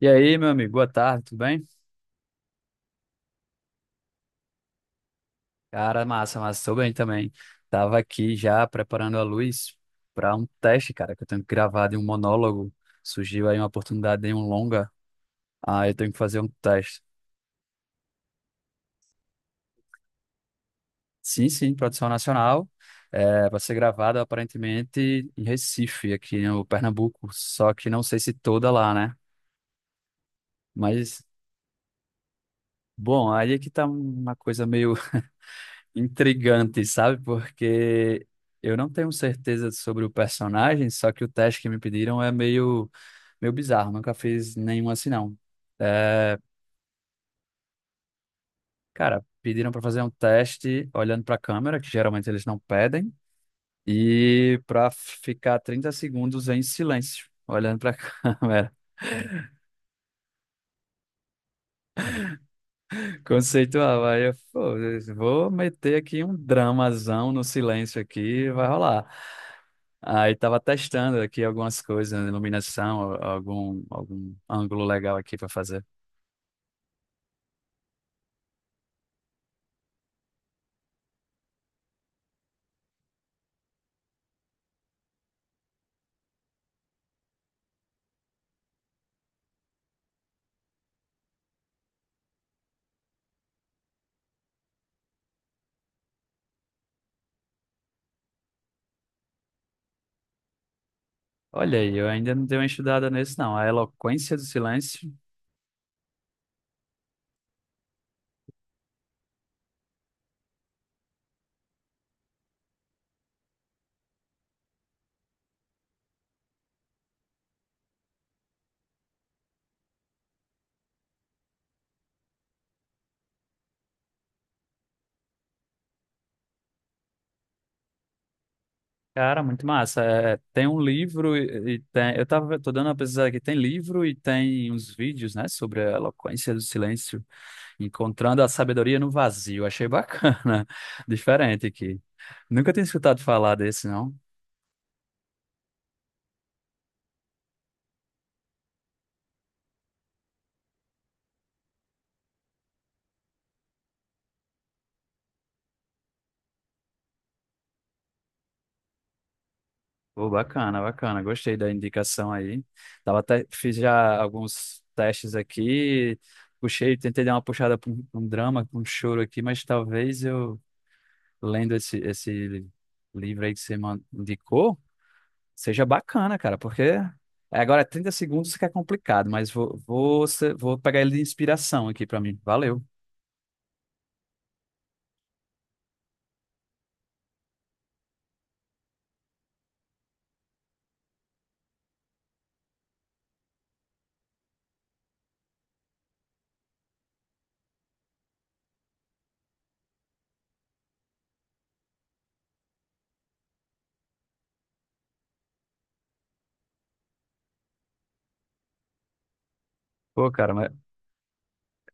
E aí, meu amigo, boa tarde, tudo bem? Cara, massa, massa, tô bem também. Tava aqui já preparando a luz para um teste, cara, que eu tenho que gravar de um monólogo. Surgiu aí uma oportunidade de um longa, aí eu tenho que fazer um teste. Sim, sim, produção nacional, é, vai ser gravado aparentemente em Recife, aqui no Pernambuco, só que não sei se toda lá, né? Mas, bom, aí é que tá uma coisa meio intrigante, sabe? Porque eu não tenho certeza sobre o personagem, só que o teste que me pediram é meio, meio bizarro. Nunca fiz nenhum assim, não. É, cara, pediram para fazer um teste olhando para a câmera, que geralmente eles não pedem, e para ficar 30 segundos em silêncio. Olhando para a câmera, conceitual. Aí eu, pô, vou meter aqui um dramazão no silêncio aqui, vai rolar. Aí tava testando aqui algumas coisas, né, iluminação, algum, algum ângulo legal aqui para fazer. Olha aí, eu ainda não dei uma estudada nesse, não. A Eloquência do Silêncio, cara, muito massa. É, tem um livro e tem. Tô dando uma pesquisada aqui, tem livro e tem uns vídeos, né, sobre a Eloquência do Silêncio, encontrando a sabedoria no vazio. Achei bacana, diferente aqui. Nunca tinha escutado falar desse, não. Pô, bacana, bacana. Gostei da indicação aí. Tava até, fiz já alguns testes aqui, puxei, tentei dar uma puxada para pra um drama, pra um choro aqui, mas talvez eu, lendo esse livro aí que você indicou, seja bacana, cara, porque agora é 30 segundos que é complicado, mas vou vou pegar ele de inspiração aqui para mim. Valeu. Pô, cara, mas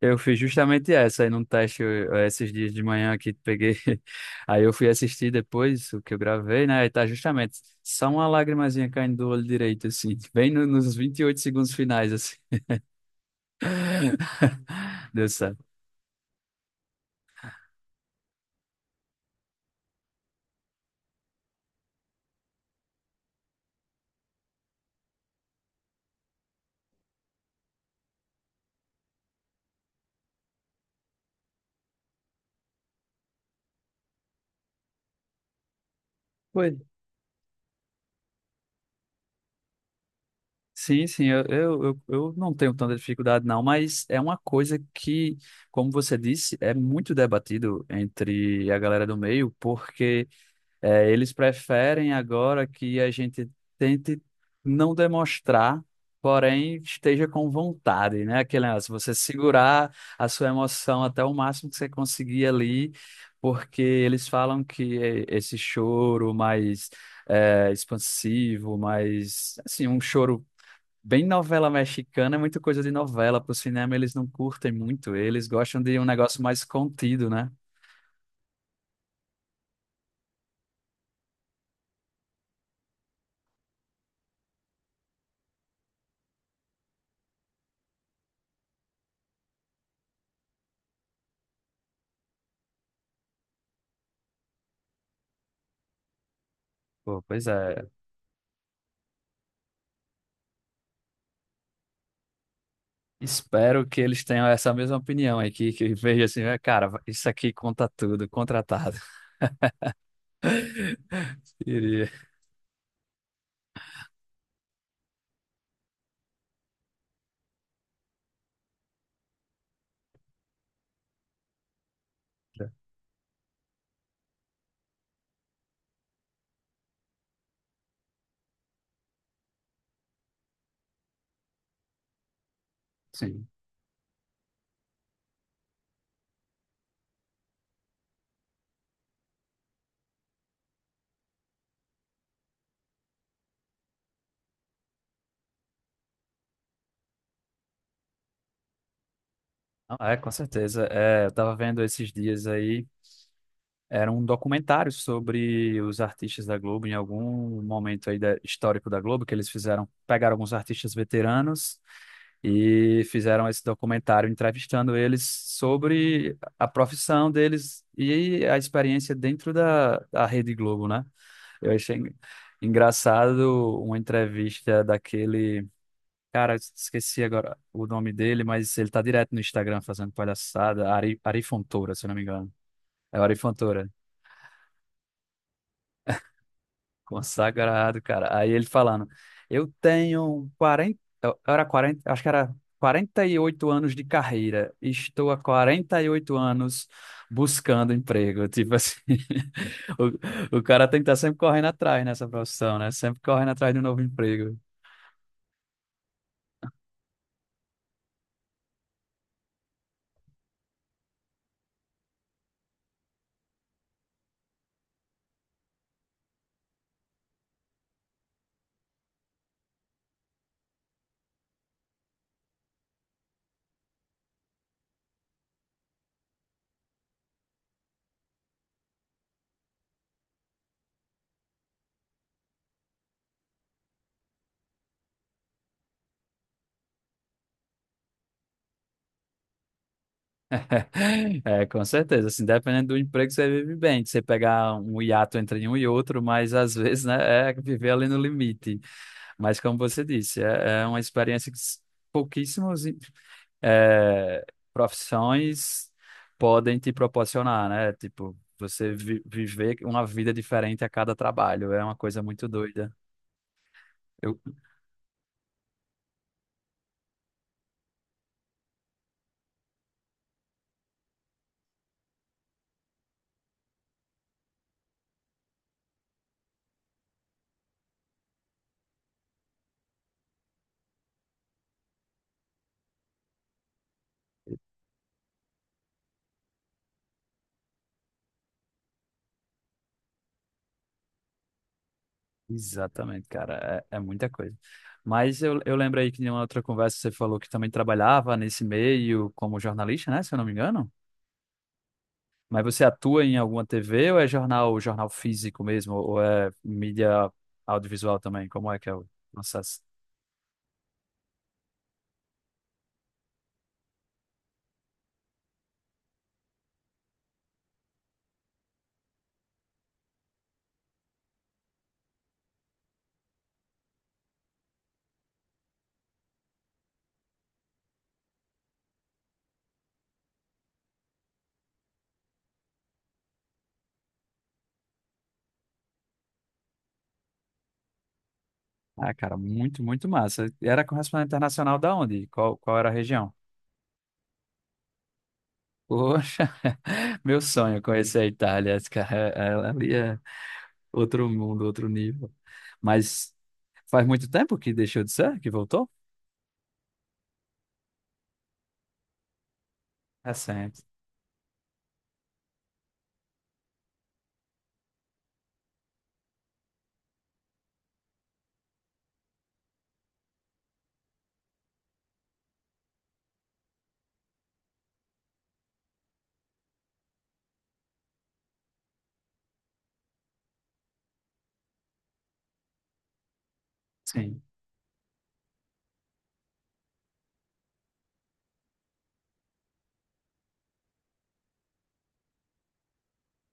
eu fiz justamente essa aí num teste esses dias de manhã aqui, peguei. Aí eu fui assistir depois o que eu gravei, né? E tá justamente só uma lagrimazinha caindo do olho direito, assim, bem no, nos 28 segundos finais, assim. Deu certo. Pois. Sim, sim, eu não tenho tanta dificuldade, não, mas é uma coisa que, como você disse, é muito debatido entre a galera do meio, porque. É, eles preferem agora que a gente tente não demonstrar, porém esteja com vontade, né? Aquele negócio, você segurar a sua emoção até o máximo que você conseguir ali, porque eles falam que esse choro mais é, expansivo, mais, assim, um choro bem novela mexicana é muita coisa de novela. Para o cinema eles não curtem muito, eles gostam de um negócio mais contido, né? Pô, pois é, espero que eles tenham essa mesma opinião aqui, que veja assim, "É, cara, isso aqui conta tudo, contratado." Iria. Sim. Ah, é, com certeza. É, eu tava vendo esses dias aí, era um documentário sobre os artistas da Globo, em algum momento aí histórico da Globo, que eles fizeram, pegaram alguns artistas veteranos e fizeram esse documentário entrevistando eles sobre a profissão deles e a experiência dentro da Rede Globo, né? Eu achei engraçado uma entrevista daquele. Cara, esqueci agora o nome dele, mas ele tá direto no Instagram fazendo palhaçada. Ari, Ari Fontoura, se eu não me engano. É o Ari Fontoura. Consagrado, cara. Aí ele falando: eu tenho 40, era 40, acho que era 48 anos de carreira. Estou há 48 anos buscando emprego. Tipo assim. O cara tem que estar sempre correndo atrás nessa profissão, né? Sempre correndo atrás de um novo emprego. É, com certeza. Assim, dependendo do emprego, você vive bem. Você pegar um hiato entre um e outro, mas às vezes, né, é viver ali no limite. Mas como você disse, é uma experiência que pouquíssimos é, profissões podem te proporcionar, né? Tipo, você viver uma vida diferente a cada trabalho. É uma coisa muito doida. Eu, Exatamente, cara, é, é muita coisa. Mas eu lembro aí que em uma outra conversa você falou que também trabalhava nesse meio como jornalista, né? Se eu não me engano. Mas você atua em alguma TV ou é jornal, jornal físico mesmo? Ou é mídia audiovisual também? Como é que é o processo? Ah, cara, muito, muito massa. E era correspondente internacional da onde? Qual era a região? Poxa, meu sonho é conhecer a Itália, cara. Ali é outro mundo, outro nível. Mas faz muito tempo que deixou de ser, que voltou? Recente. Sim.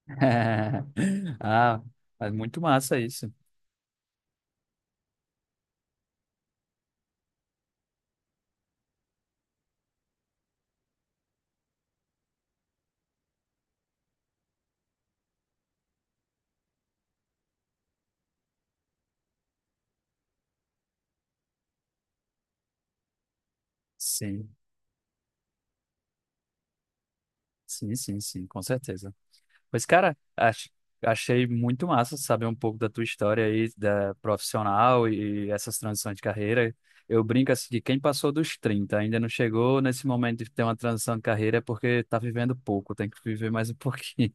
Ah, mas muito massa isso. Sim, sim, com certeza. Pois, cara, achei muito massa saber um pouco da tua história aí, da profissional e essas transições de carreira. Eu brinco assim que quem passou dos 30 ainda não chegou nesse momento de ter uma transição de carreira é porque tá vivendo pouco, tem que viver mais um pouquinho.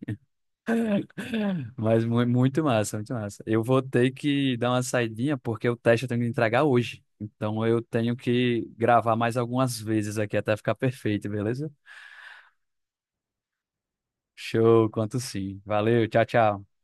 Mas muito massa, muito massa. Eu vou ter que dar uma saidinha porque o teste eu tenho que entregar hoje. Então eu tenho que gravar mais algumas vezes aqui até ficar perfeito, beleza? Show, quanto sim. Valeu, tchau, tchau.